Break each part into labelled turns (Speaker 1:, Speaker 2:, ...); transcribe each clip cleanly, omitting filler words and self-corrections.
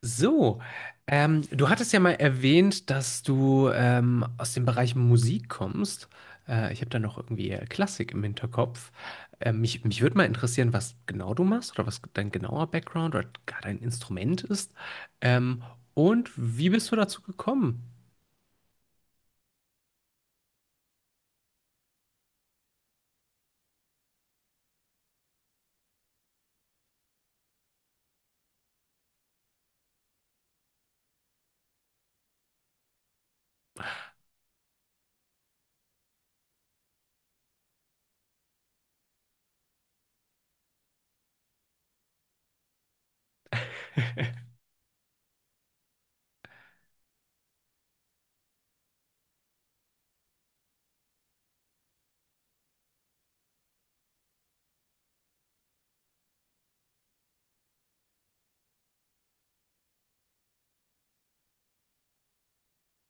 Speaker 1: So, Du hattest ja mal erwähnt, dass du aus dem Bereich Musik kommst. Ich habe da noch irgendwie Klassik im Hinterkopf. Mich würde mal interessieren, was genau du machst oder was dein genauer Background oder gar dein Instrument ist. Ähm, und wie bist du dazu gekommen?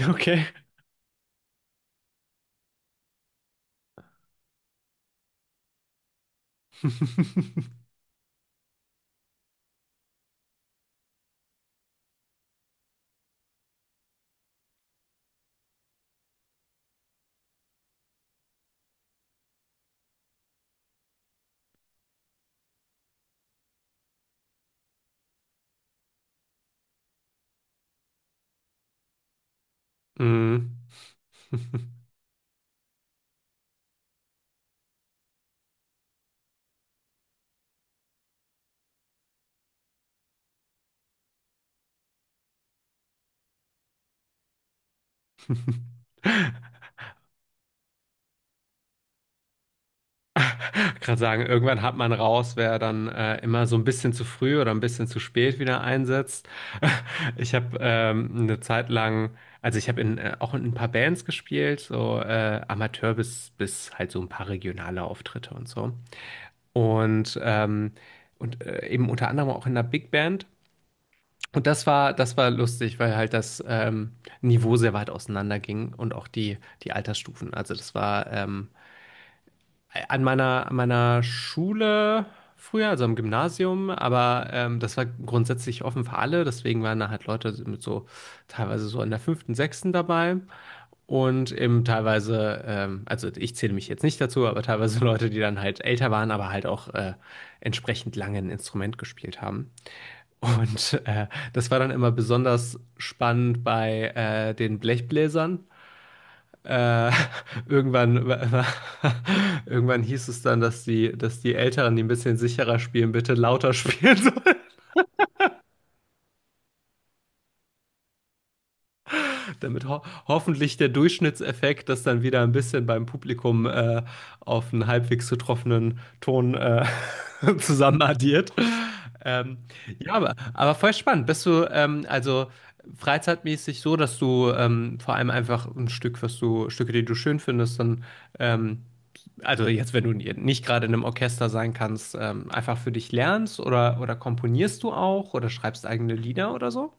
Speaker 1: Okay. Mm. Gerade sagen, irgendwann hat man raus, wer dann immer so ein bisschen zu früh oder ein bisschen zu spät wieder einsetzt. Ich habe eine Zeit lang. Also ich habe auch in ein paar Bands gespielt, so Amateur bis halt so ein paar regionale Auftritte und so. Und, ähm, und eben unter anderem auch in einer Big Band. Und das war lustig, weil halt das Niveau sehr weit auseinander ging und auch die Altersstufen. Also das war an meiner Schule früher, also am Gymnasium, aber das war grundsätzlich offen für alle, deswegen waren da halt Leute mit so teilweise so in der fünften, sechsten dabei und eben teilweise, also ich zähle mich jetzt nicht dazu, aber teilweise Leute, die dann halt älter waren, aber halt auch entsprechend lange ein Instrument gespielt haben. Und das war dann immer besonders spannend bei den Blechbläsern. Äh, irgendwann, irgendwann hieß es dann, dass die Älteren, die ein bisschen sicherer spielen, bitte lauter spielen sollen, damit ho hoffentlich der Durchschnittseffekt das dann wieder ein bisschen beim Publikum auf einen halbwegs getroffenen Ton zusammenaddiert. Ähm, ja, aber voll spannend. Bist du also freizeitmäßig so, dass du vor allem einfach ein Stücke, die du schön findest, dann ähm, also jetzt, wenn du nicht gerade in einem Orchester sein kannst, einfach für dich lernst, oder komponierst du auch oder schreibst eigene Lieder oder so?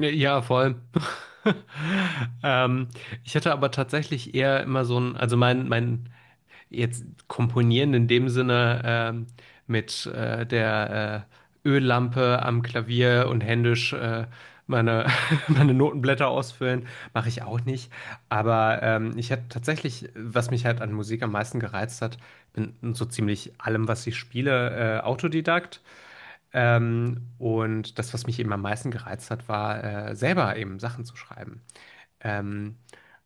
Speaker 1: Ja, vor allem. Ähm, Ich hatte aber tatsächlich eher immer so ein, also mein jetzt komponieren in dem Sinne mit der Öllampe am Klavier und händisch meine, meine Notenblätter ausfüllen, mache ich auch nicht. Aber ich hatte tatsächlich, was mich halt an Musik am meisten gereizt hat, bin so ziemlich allem, was ich spiele, Autodidakt. Und das, was mich eben am meisten gereizt hat, war selber eben Sachen zu schreiben. Ähm,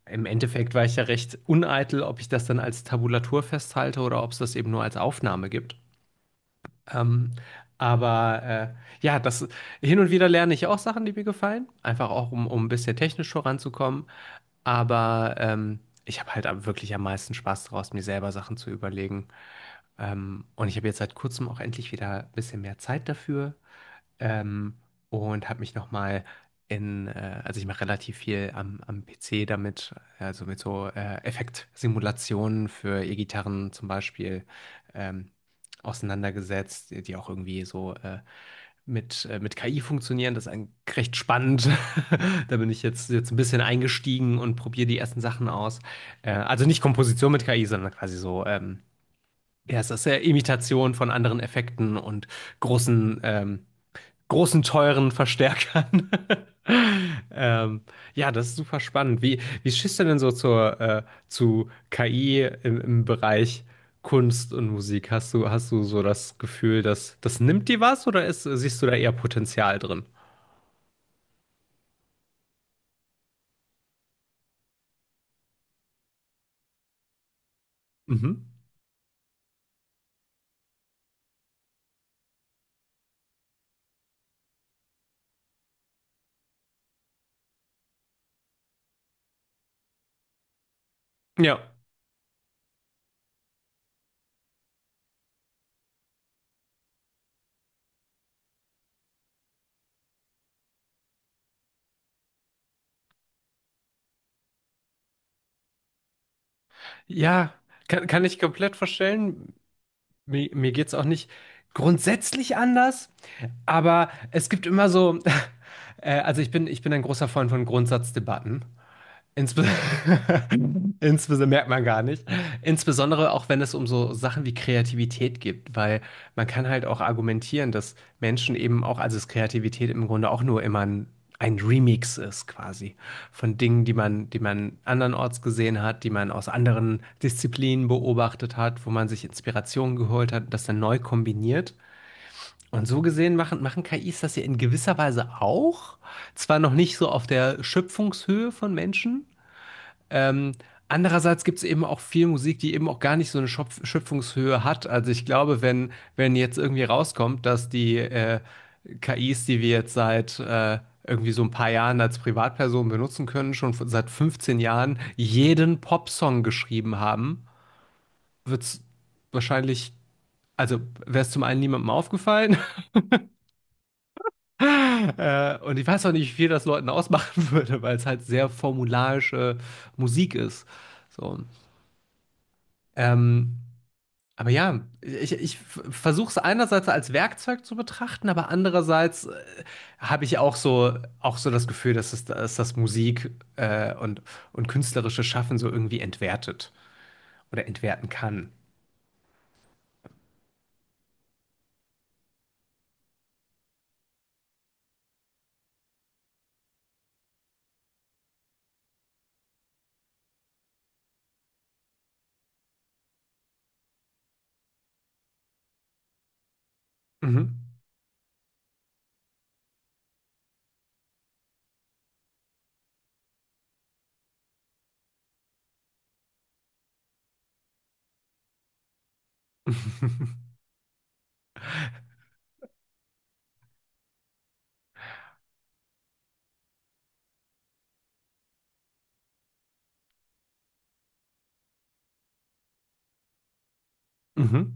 Speaker 1: Im Endeffekt war ich ja recht uneitel, ob ich das dann als Tabulatur festhalte oder ob es das eben nur als Aufnahme gibt. Ähm, aber ja, das hin und wieder lerne ich auch Sachen, die mir gefallen, einfach auch um ein bisschen technisch voranzukommen. Aber ich habe halt wirklich am meisten Spaß daraus, mir selber Sachen zu überlegen. Und ich habe jetzt seit kurzem auch endlich wieder ein bisschen mehr Zeit dafür. Ähm, und habe mich nochmal also ich mache relativ viel am PC damit, also mit so Effektsimulationen für E-Gitarren zum Beispiel ähm, auseinandergesetzt, die auch irgendwie so mit KI funktionieren. Das ist recht spannend. Da bin ich jetzt ein bisschen eingestiegen und probiere die ersten Sachen aus. Also nicht Komposition mit KI, sondern quasi so, ja, es ist ja Imitation von anderen Effekten und großen ähm, großen, teuren Verstärkern. ähm, ja, das ist super spannend. Wie stehst du denn so zu KI im Bereich Kunst und Musik? Hast du so das Gefühl, dass das nimmt dir was oder ist, siehst du da eher Potenzial drin? Mhm. Ja. Ja, kann ich komplett verstellen. Mir geht's auch nicht grundsätzlich anders, aber es gibt immer so, also ich bin ein großer Freund von Grundsatzdebatten. Insbe Insbesondere merkt man gar nicht. Insbesondere auch wenn es um so Sachen wie Kreativität geht, weil man kann halt auch argumentieren, dass Menschen eben auch, also dass Kreativität im Grunde auch nur immer ein Remix ist quasi von Dingen, die man andernorts gesehen hat, die man aus anderen Disziplinen beobachtet hat, wo man sich Inspirationen geholt hat, das dann neu kombiniert. Und so gesehen machen KIs das ja in gewisser Weise auch, zwar noch nicht so auf der Schöpfungshöhe von Menschen. ähm, Andererseits gibt es eben auch viel Musik, die eben auch gar nicht so eine Schöpfungshöhe hat. Also ich glaube, wenn jetzt irgendwie rauskommt, dass die KIs, die wir jetzt seit irgendwie so ein paar Jahren als Privatpersonen benutzen können, schon seit 15 Jahren jeden Popsong geschrieben haben, wird es wahrscheinlich, also, wäre es zum einen niemandem aufgefallen und ich weiß auch nicht, wie viel das Leuten ausmachen würde, weil es halt sehr formularische Musik ist. So. Ähm, Aber ja, ich versuche es einerseits als Werkzeug zu betrachten, aber andererseits habe ich auch so das Gefühl, dass das Musik und künstlerische Schaffen so irgendwie entwertet oder entwerten kann. Mhm. Mhm.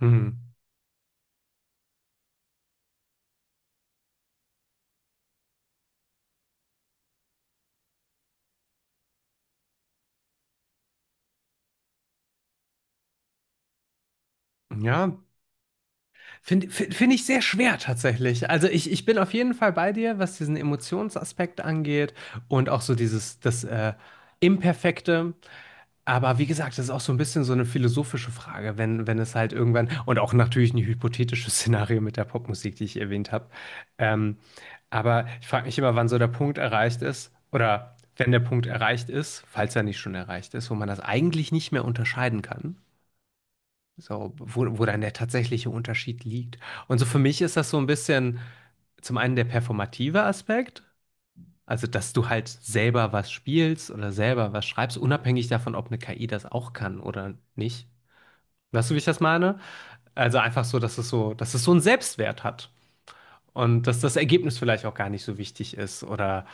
Speaker 1: Mhm. Ja, finde ich sehr schwer tatsächlich. Also ich bin auf jeden Fall bei dir, was diesen Emotionsaspekt angeht und auch so dieses, das Imperfekte. Aber wie gesagt, das ist auch so ein bisschen so eine philosophische Frage, wenn es halt irgendwann, und auch natürlich ein hypothetisches Szenario mit der Popmusik, die ich erwähnt habe. Ähm, aber ich frage mich immer, wann so der Punkt erreicht ist, oder wenn der Punkt erreicht ist, falls er nicht schon erreicht ist, wo man das eigentlich nicht mehr unterscheiden kann. So, wo dann der tatsächliche Unterschied liegt. Und so für mich ist das so ein bisschen zum einen der performative Aspekt, also, dass du halt selber was spielst oder selber was schreibst, unabhängig davon, ob eine KI das auch kann oder nicht. Weißt du, wie ich das meine? Also einfach so, dass es so einen Selbstwert hat und dass das Ergebnis vielleicht auch gar nicht so wichtig ist oder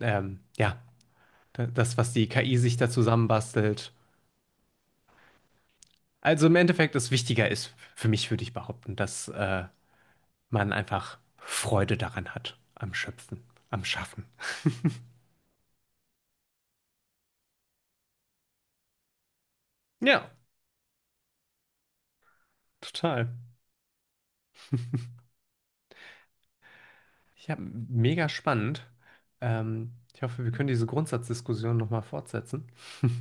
Speaker 1: ja, das, was die KI sich da zusammenbastelt. Also im Endeffekt es wichtiger ist, für mich würde ich behaupten, dass man einfach Freude daran hat, am Schöpfen, am Schaffen. Ja, total. Ja, mega spannend. Ich hoffe, wir können diese Grundsatzdiskussion nochmal fortsetzen.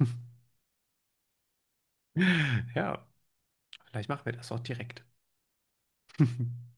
Speaker 1: Ja, vielleicht machen wir das auch direkt.